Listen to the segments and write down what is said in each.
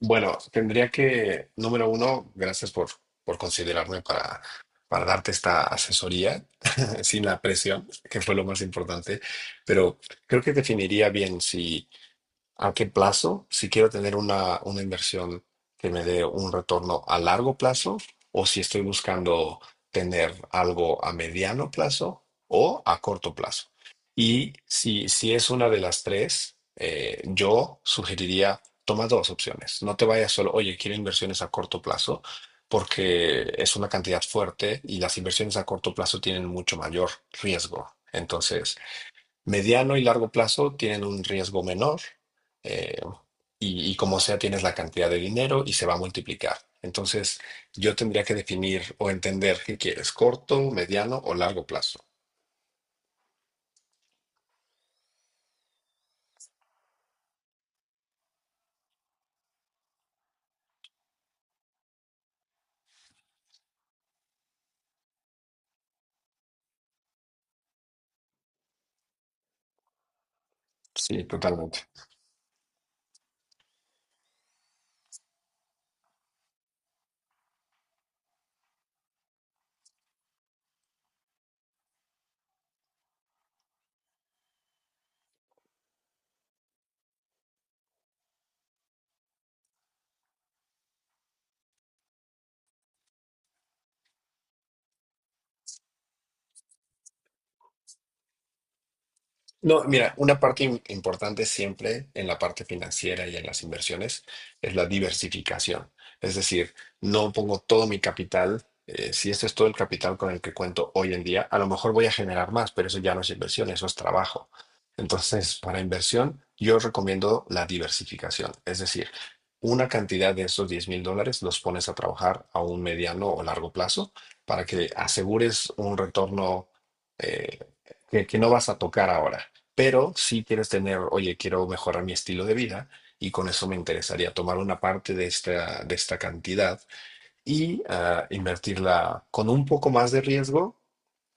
Bueno, tendría que, número uno, gracias por considerarme para darte esta asesoría sin la presión, que fue lo más importante, pero creo que definiría bien si. ¿A qué plazo? Si quiero tener una inversión que me dé un retorno a largo plazo, o si estoy buscando tener algo a mediano plazo o a corto plazo. Y si es una de las tres, yo sugeriría toma dos opciones. No te vayas solo, oye, quiero inversiones a corto plazo, porque es una cantidad fuerte y las inversiones a corto plazo tienen mucho mayor riesgo. Entonces, mediano y largo plazo tienen un riesgo menor, eh, y como sea tienes la cantidad de dinero y se va a multiplicar. Entonces yo tendría que definir o entender qué quieres, corto, mediano o largo plazo. Sí, totalmente. No, mira, una parte importante siempre en la parte financiera y en las inversiones es la diversificación. Es decir, no pongo todo mi capital. Si este es todo el capital con el que cuento hoy en día, a lo mejor voy a generar más, pero eso ya no es inversión, eso es trabajo. Entonces, para inversión, yo recomiendo la diversificación. Es decir, una cantidad de esos $10,000 los pones a trabajar a un mediano o largo plazo para que asegures un retorno, eh, que no vas a tocar ahora. Pero si quieres tener, oye, quiero mejorar mi estilo de vida y con eso me interesaría tomar una parte de esta cantidad y invertirla con un poco más de riesgo,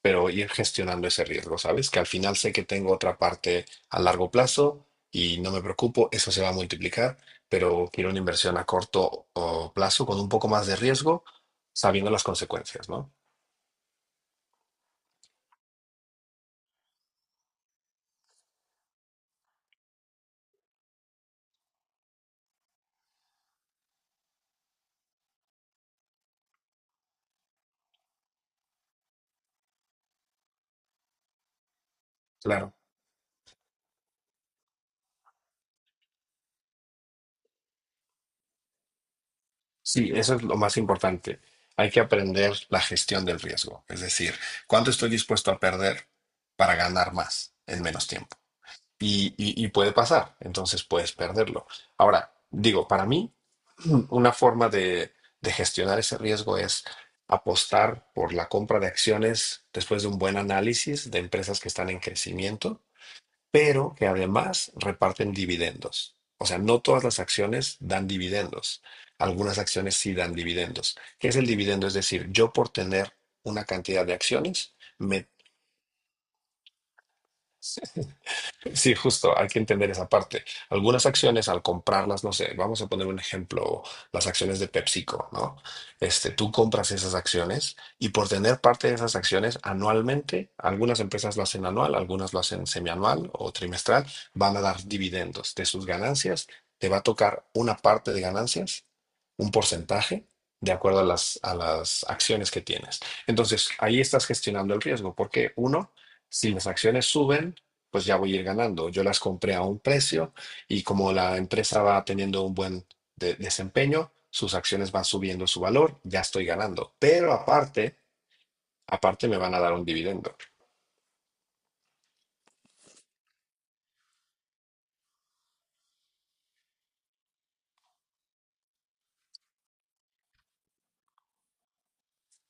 pero ir gestionando ese riesgo, ¿sabes? Que al final sé que tengo otra parte a largo plazo y no me preocupo, eso se va a multiplicar, pero quiero una inversión a corto o plazo con un poco más de riesgo, sabiendo las consecuencias, ¿no? Claro. Sí, eso es lo más importante. Hay que aprender la gestión del riesgo, es decir, cuánto estoy dispuesto a perder para ganar más en menos tiempo. Y puede pasar, entonces puedes perderlo. Ahora, digo, para mí, una forma de gestionar ese riesgo es apostar por la compra de acciones después de un buen análisis de empresas que están en crecimiento pero que además reparten dividendos. O sea, no todas las acciones dan dividendos. Algunas acciones sí dan dividendos. ¿Qué es el dividendo? Es decir, yo por tener una cantidad de acciones, me. Sí, justo, hay que entender esa parte. Algunas acciones al comprarlas, no sé, vamos a poner un ejemplo, las acciones de PepsiCo, ¿no? Este, tú compras esas acciones y por tener parte de esas acciones anualmente, algunas empresas lo hacen anual, algunas lo hacen semianual o trimestral, van a dar dividendos de sus ganancias, te va a tocar una parte de ganancias, un porcentaje, de acuerdo a a las acciones que tienes. Entonces, ahí estás gestionando el riesgo, porque uno, si las acciones suben, pues ya voy a ir ganando. Yo las compré a un precio y como la empresa va teniendo un buen desempeño, sus acciones van subiendo su valor, ya estoy ganando. Pero aparte, aparte me van a dar un dividendo.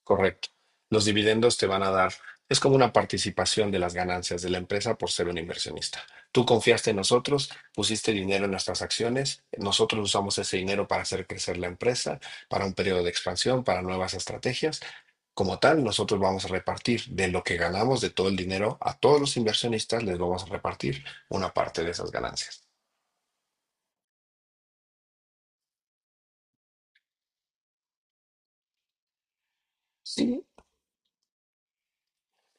Correcto. Los dividendos te van a dar, es como una participación de las ganancias de la empresa por ser un inversionista. Tú confiaste en nosotros, pusiste dinero en nuestras acciones, nosotros usamos ese dinero para hacer crecer la empresa, para un periodo de expansión, para nuevas estrategias. Como tal, nosotros vamos a repartir de lo que ganamos, de todo el dinero, a todos los inversionistas les vamos a repartir una parte de esas ganancias. Sí.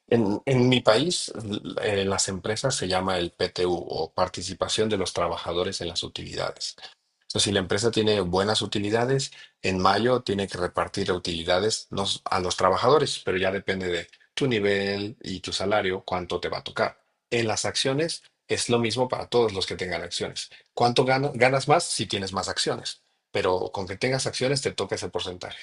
En mi país, las empresas se llama el PTU o participación de los trabajadores en las utilidades. Entonces, si la empresa tiene buenas utilidades, en mayo tiene que repartir utilidades nos- a los trabajadores, pero ya depende de tu nivel y tu salario, cuánto te va a tocar. En las acciones es lo mismo para todos los que tengan acciones. ¿Cuánto ganas más si tienes más acciones? Pero con que tengas acciones te toca ese porcentaje.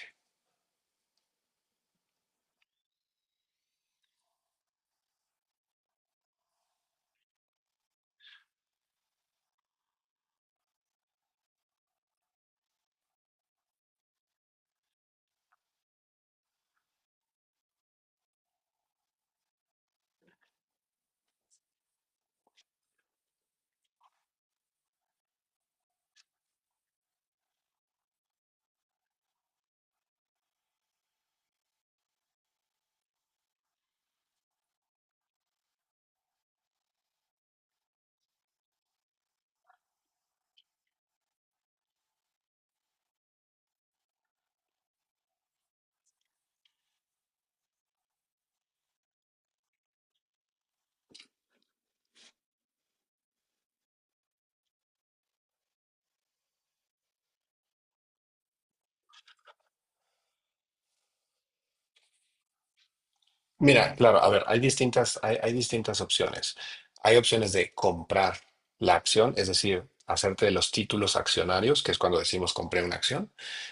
Mira, claro, a ver, hay distintas opciones. Hay opciones de comprar la acción, es decir, hacerte de los títulos accionarios, que es cuando decimos compré una acción.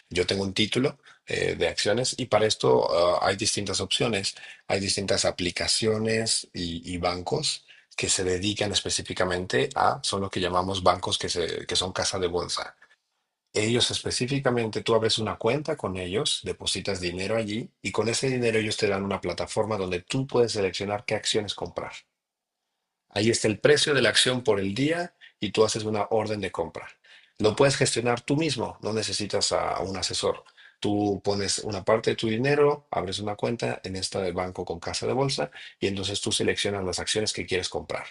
Yo tengo un título, de acciones y para esto, hay distintas opciones. Hay distintas aplicaciones y bancos que se dedican específicamente a, son lo que llamamos bancos que son casa de bolsa. Ellos específicamente, tú abres una cuenta con ellos, depositas dinero allí y con ese dinero ellos te dan una plataforma donde tú puedes seleccionar qué acciones comprar. Ahí está el precio de la acción por el día y tú haces una orden de compra. Lo puedes gestionar tú mismo, no necesitas a un asesor. Tú pones una parte de tu dinero, abres una cuenta en esta de banco con casa de bolsa y entonces tú seleccionas las acciones que quieres comprar.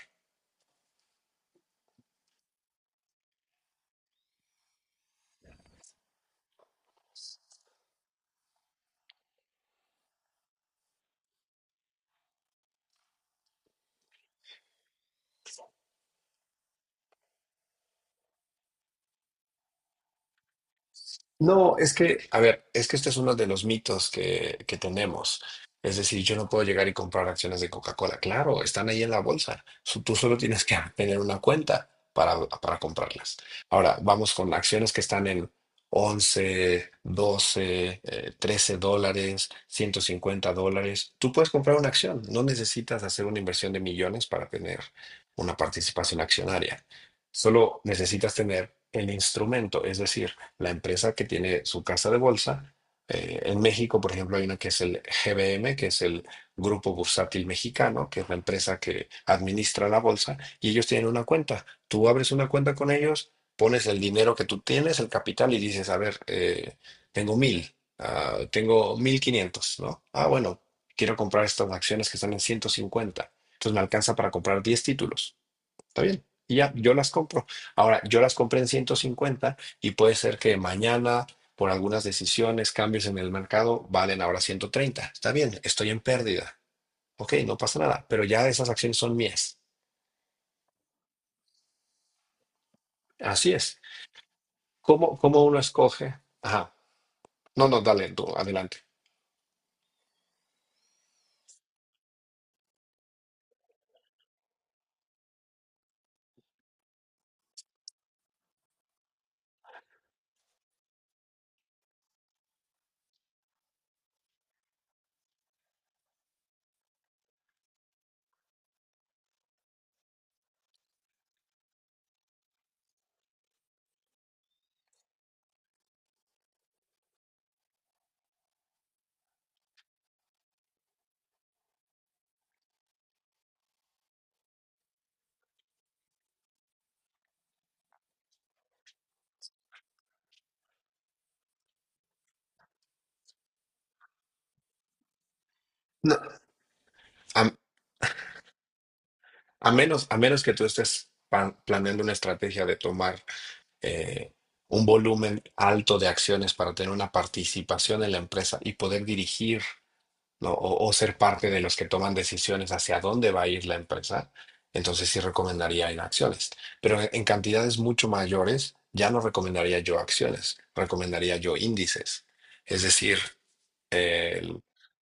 No, es que, a ver, es que este es uno de los mitos que tenemos. Es decir, yo no puedo llegar y comprar acciones de Coca-Cola. Claro, están ahí en la bolsa. Tú solo tienes que tener una cuenta para comprarlas. Ahora, vamos con acciones que están en 11, 12, $13, $150. Tú puedes comprar una acción. No necesitas hacer una inversión de millones para tener una participación accionaria. Solo necesitas tener el instrumento, es decir, la empresa que tiene su casa de bolsa. En México, por ejemplo, hay una que es el GBM, que es el Grupo Bursátil Mexicano, que es la empresa que administra la bolsa, y ellos tienen una cuenta. Tú abres una cuenta con ellos, pones el dinero que tú tienes, el capital, y dices, a ver, tengo 1,500, ¿no? Ah, bueno, quiero comprar estas acciones que están en 150. Entonces me alcanza para comprar 10 títulos. Está bien. Y ya, yo las compro. Ahora, yo las compré en 150 y puede ser que mañana, por algunas decisiones, cambios en el mercado, valen ahora 130. Está bien, estoy en pérdida. Ok, no pasa nada, pero ya esas acciones son mías. Así es. ¿Cómo uno escoge? Ajá. No, no, dale, tú, adelante. No. A, a menos que tú estés planeando una estrategia de tomar, eh, un volumen alto de acciones para tener una participación en la empresa y poder dirigir, ¿no? O ser parte de los que toman decisiones hacia dónde va a ir la empresa, entonces sí recomendaría en acciones. Pero en cantidades mucho mayores, ya no recomendaría yo acciones, recomendaría yo índices. Es decir, eh,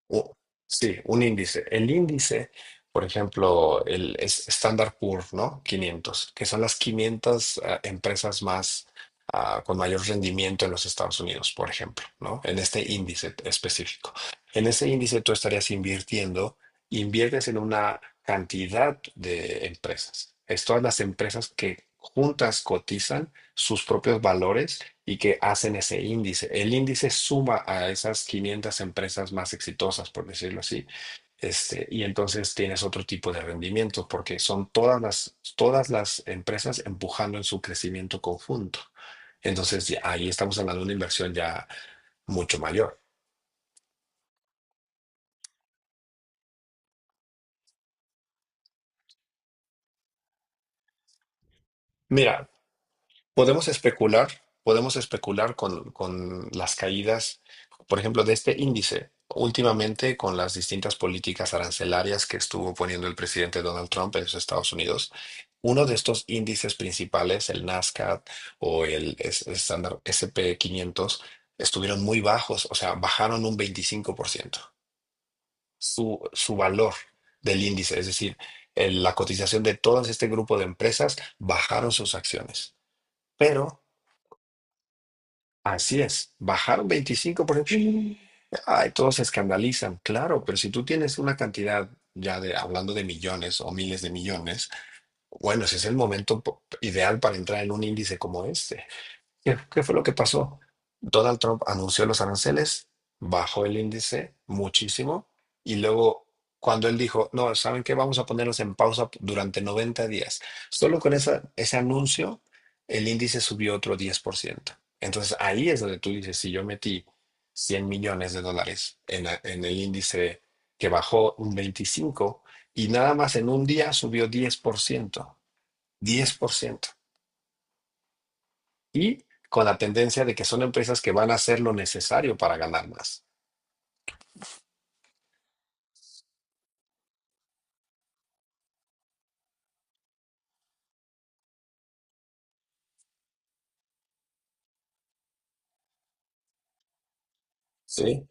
u- sí, un índice. El índice, por ejemplo, el Standard Poor, ¿no? 500, que son las quinientas, empresas más, con mayor rendimiento en los Estados Unidos, por ejemplo, ¿no? En este índice específico. En ese índice tú estarías invirtiendo, inviertes en una cantidad de empresas. Es todas las empresas que juntas cotizan sus propios valores y que hacen ese índice. El índice suma a esas 500 empresas más exitosas, por decirlo así. Este, y entonces tienes otro tipo de rendimiento porque son todas las empresas empujando en su crecimiento conjunto. Entonces ahí estamos hablando de una inversión ya mucho mayor. Mira, podemos especular, podemos especular con las caídas, por ejemplo, de este índice, últimamente con las distintas políticas arancelarias que estuvo poniendo el presidente Donald Trump en los Estados Unidos. Uno de estos índices principales, el Nasdaq o el estándar S&P 500, estuvieron muy bajos, o sea, bajaron un 25%. Su valor del índice, es decir, la cotización de todo este grupo de empresas, bajaron sus acciones. Pero así es, bajaron 25%. Ay, todos se escandalizan, claro, pero si tú tienes una cantidad ya de hablando de millones o miles de millones, bueno, ese es el momento ideal para entrar en un índice como este. ¿Qué fue lo que pasó? Donald Trump anunció los aranceles, bajó el índice muchísimo y luego cuando él dijo, no, ¿saben qué? Vamos a ponerlos en pausa durante 90 días. Solo con esa, ese anuncio, el índice subió otro 10%. Entonces ahí es donde tú dices, si yo metí 100 millones de dólares en, en el índice que bajó un 25 y nada más en un día subió 10%, 10% y con la tendencia de que son empresas que van a hacer lo necesario para ganar más. Sí,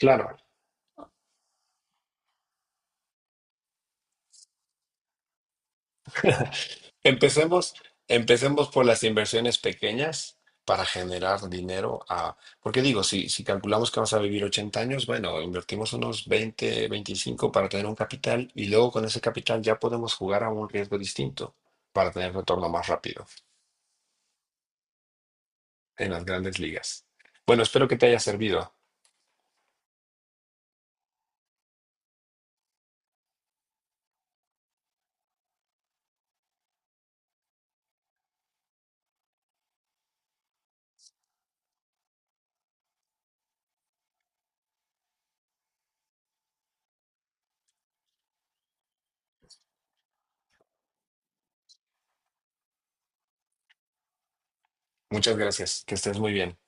claro, empecemos, empecemos por las inversiones pequeñas para generar dinero a, porque digo, si calculamos que vamos a vivir 80 años, bueno, invertimos unos 20, 25 para tener un capital y luego con ese capital ya podemos jugar a un riesgo distinto para tener retorno más rápido en las grandes ligas. Bueno, espero que te haya servido. Muchas gracias, que estés muy bien.